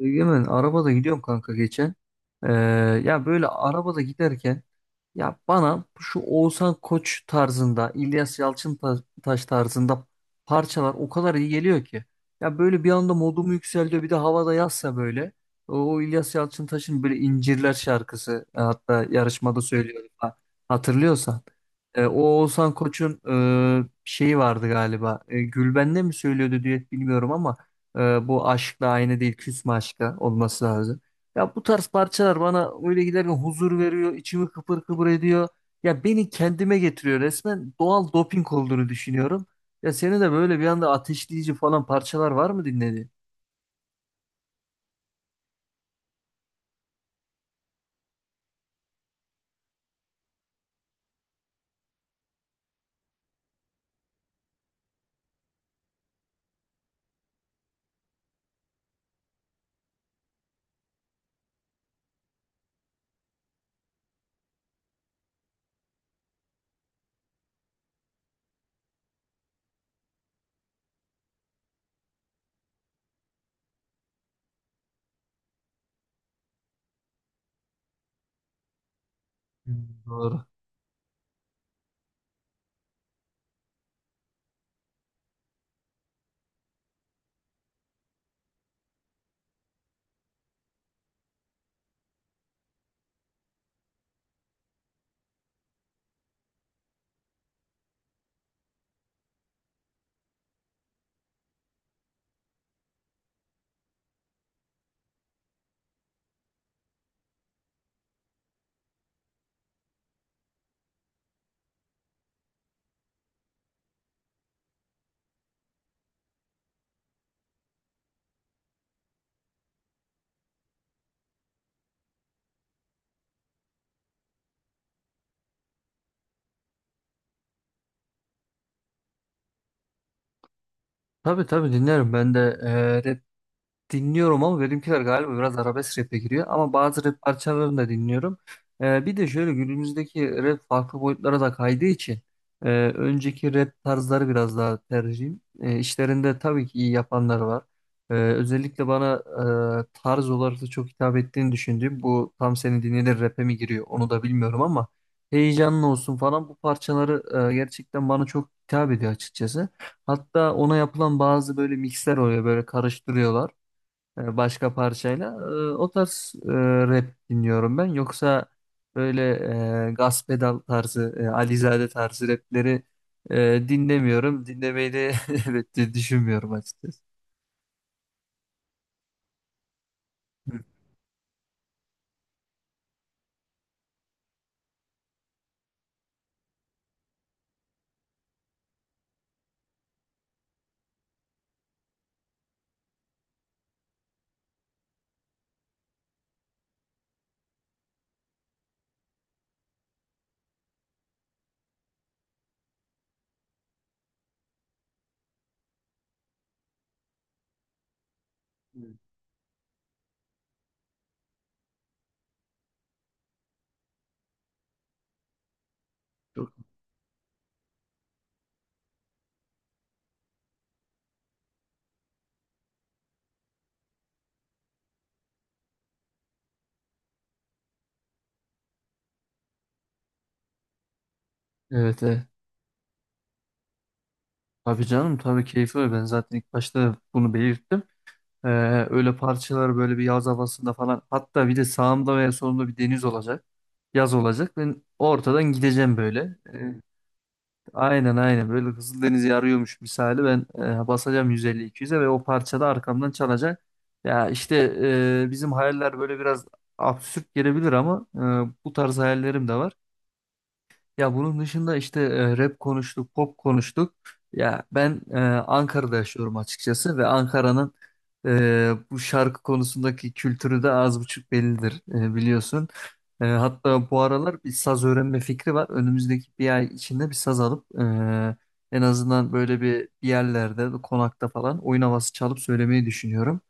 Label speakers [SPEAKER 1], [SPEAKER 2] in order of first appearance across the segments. [SPEAKER 1] Egemen arabada gidiyorum kanka geçen. Ee, ya böyle arabada giderken ya bana şu Oğuzhan Koç tarzında İlyas Yalçıntaş tarzında parçalar o kadar iyi geliyor ki. Ya böyle bir anda modumu yükseltiyor bir de havada yazsa böyle. O İlyas Yalçıntaş'ın böyle İncirler şarkısı hatta yarışmada söylüyorum hatırlıyorsan. O Oğuzhan Koç'un şeyi vardı galiba. Gülben'le mi söylüyordu düet bilmiyorum ama bu aşkla aynı değil küsme aşka olması lazım. Ya bu tarz parçalar bana öyle giderken huzur veriyor, içimi kıpır kıpır ediyor. Ya beni kendime getiriyor resmen doğal doping olduğunu düşünüyorum. Ya senin de böyle bir anda ateşleyici falan parçalar var mı dinlediğin? Hmm. Doğru. Tabii tabii dinlerim ben de dinliyorum ama benimkiler galiba biraz arabesk rap'e giriyor. Ama bazı rap parçalarını da dinliyorum. Bir de şöyle günümüzdeki rap farklı boyutlara da kaydığı için önceki rap tarzları biraz daha tercihim. E, işlerinde tabii ki iyi yapanlar var. Özellikle bana tarz olarak da çok hitap ettiğini düşündüğüm bu tam seni dinlenir rap'e mi giriyor onu da bilmiyorum ama heyecanlı olsun falan bu parçaları gerçekten bana çok hitap ediyor açıkçası. Hatta ona yapılan bazı böyle mixler oluyor böyle karıştırıyorlar başka parçayla. O tarz rap dinliyorum ben. Yoksa böyle gaz pedal tarzı, Alizade tarzı rapleri dinlemiyorum. Dinlemeyi de evet de düşünmüyorum açıkçası. Hı. Çok. Evet, evet. Tabii canım tabii keyfi öyle. Ben zaten ilk başta bunu belirttim. Ee, öyle parçalar böyle bir yaz havasında falan. Hatta bir de sağımda veya solumda bir deniz olacak. Yaz olacak. Ben ortadan gideceğim böyle. Aynen aynen böyle Kızıldeniz'i arıyormuş misali ben basacağım 150-200'e ve o parçada arkamdan çalacak. Ya işte bizim hayaller böyle biraz absürt gelebilir ama bu tarz hayallerim de var. Ya bunun dışında işte rap konuştuk, pop konuştuk. Ya ben Ankara'da yaşıyorum açıkçası ve Ankara'nın bu şarkı konusundaki kültürü de az buçuk bellidir biliyorsun. Hatta bu aralar bir saz öğrenme fikri var. Önümüzdeki bir ay içinde bir saz alıp en azından böyle bir yerlerde, konakta falan oyun havası çalıp söylemeyi düşünüyorum.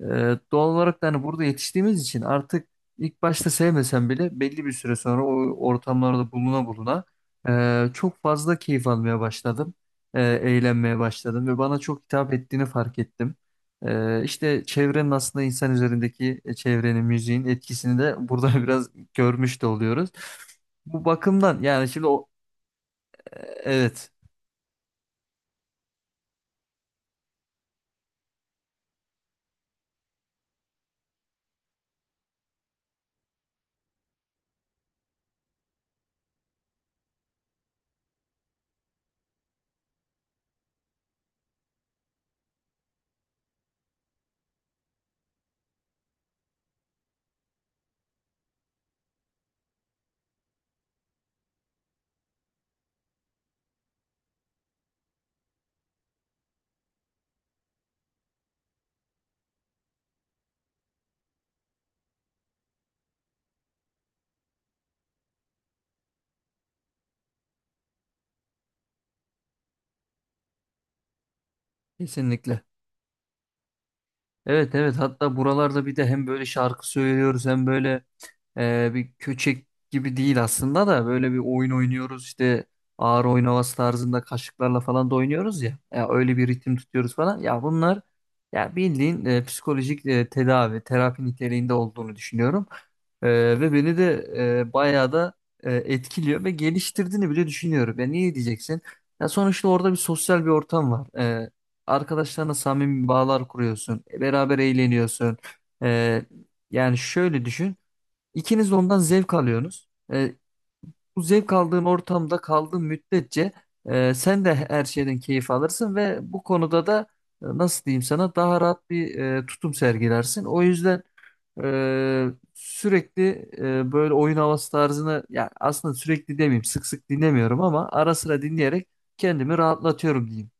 [SPEAKER 1] Doğal olarak da hani burada yetiştiğimiz için artık ilk başta sevmesen bile belli bir süre sonra o ortamlarda buluna buluna çok fazla keyif almaya başladım. Eğlenmeye başladım ve bana çok hitap ettiğini fark ettim. E, işte çevrenin aslında insan üzerindeki çevrenin, müziğin etkisini de burada biraz görmüş de oluyoruz. Bu bakımdan yani şimdi o, evet kesinlikle. Evet, evet, hatta buralarda bir de hem böyle şarkı söylüyoruz hem böyle bir köçek gibi değil aslında da böyle bir oyun oynuyoruz işte ağır oyun havası tarzında kaşıklarla falan da oynuyoruz ya. Ya öyle bir ritim tutuyoruz falan. Ya bunlar ya bildiğin psikolojik tedavi, terapi niteliğinde olduğunu düşünüyorum. Ve beni de bayağı da etkiliyor ve geliştirdiğini bile düşünüyorum. Ya niye diyeceksin? Ya sonuçta orada bir sosyal bir ortam var. Arkadaşlarına samimi bağlar kuruyorsun. Beraber eğleniyorsun. Ee, yani şöyle düşün. İkiniz de ondan zevk alıyorsunuz. Bu zevk aldığın ortamda kaldığın müddetçe sen de her şeyden keyif alırsın ve bu konuda da nasıl diyeyim sana daha rahat bir tutum sergilersin. O yüzden e, sürekli böyle oyun havası tarzını ya aslında sürekli demeyeyim sık sık dinlemiyorum ama ara sıra dinleyerek kendimi rahatlatıyorum diyeyim.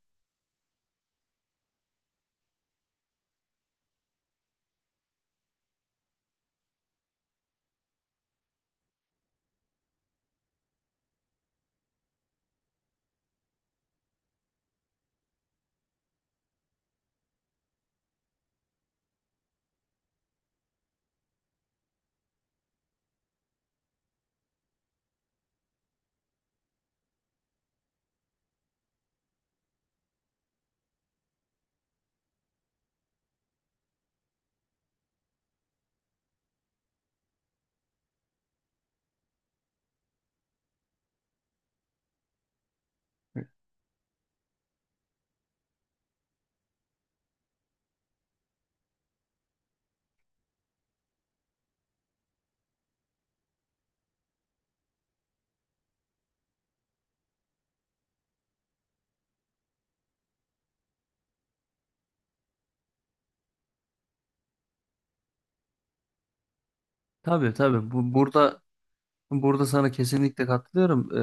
[SPEAKER 1] Tabii tabii. Bu, burada Burada sana kesinlikle katılıyorum.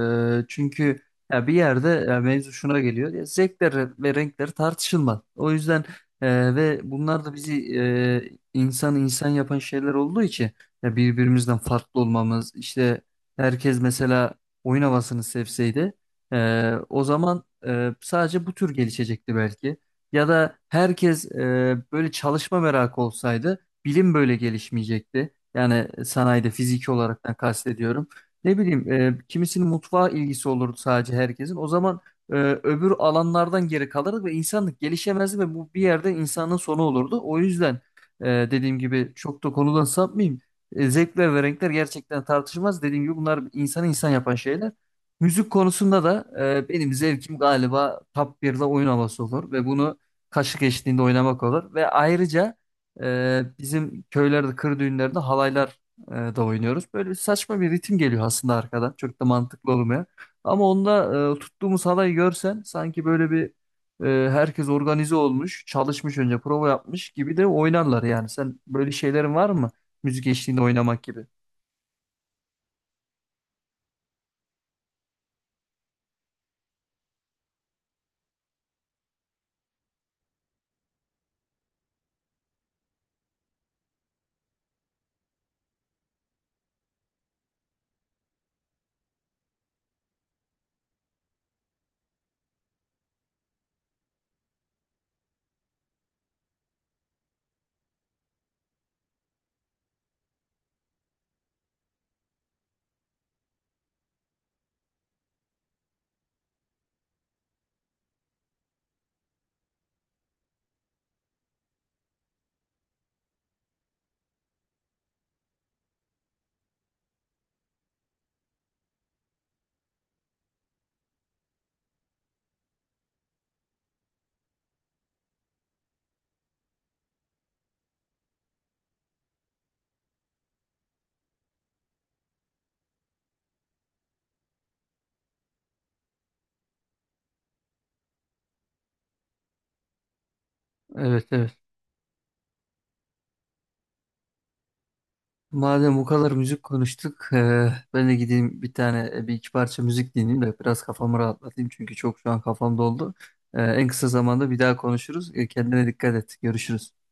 [SPEAKER 1] Çünkü ya bir yerde ya mevzu şuna geliyor. Ya zevkler ve renkler tartışılmaz. O yüzden ve bunlar da bizi insan insan yapan şeyler olduğu için ya birbirimizden farklı olmamız işte herkes mesela oyun havasını sevseydi o zaman sadece bu tür gelişecekti belki. Ya da herkes böyle çalışma merakı olsaydı bilim böyle gelişmeyecekti. Yani sanayide fiziki olaraktan kastediyorum. Ne bileyim kimisinin mutfağa ilgisi olurdu sadece herkesin. O zaman e, öbür alanlardan geri kalırdı ve insanlık gelişemezdi ve bu bir yerde insanın sonu olurdu. O yüzden e, dediğim gibi çok da konudan sapmayayım. Zevkler ve renkler gerçekten tartışmaz. Dediğim gibi bunlar insanı insan yapan şeyler. Müzik konusunda da benim zevkim galiba top 1'de oyun havası olur ve bunu kaşık eşliğinde oynamak olur ve ayrıca bizim köylerde, kır düğünlerde halaylar da oynuyoruz. Böyle saçma bir ritim geliyor aslında arkadan. Çok da mantıklı olmayan. Ama onda tuttuğumuz halayı görsen sanki böyle bir herkes organize olmuş, çalışmış önce prova yapmış gibi de oynarlar yani. Sen böyle şeylerin var mı? Müzik eşliğinde oynamak gibi. Evet, evet. Madem bu kadar müzik konuştuk, ben de gideyim bir tane bir iki parça müzik dinleyeyim de biraz kafamı rahatlatayım çünkü çok şu an kafam doldu. En kısa zamanda bir daha konuşuruz. Kendine dikkat et. Görüşürüz.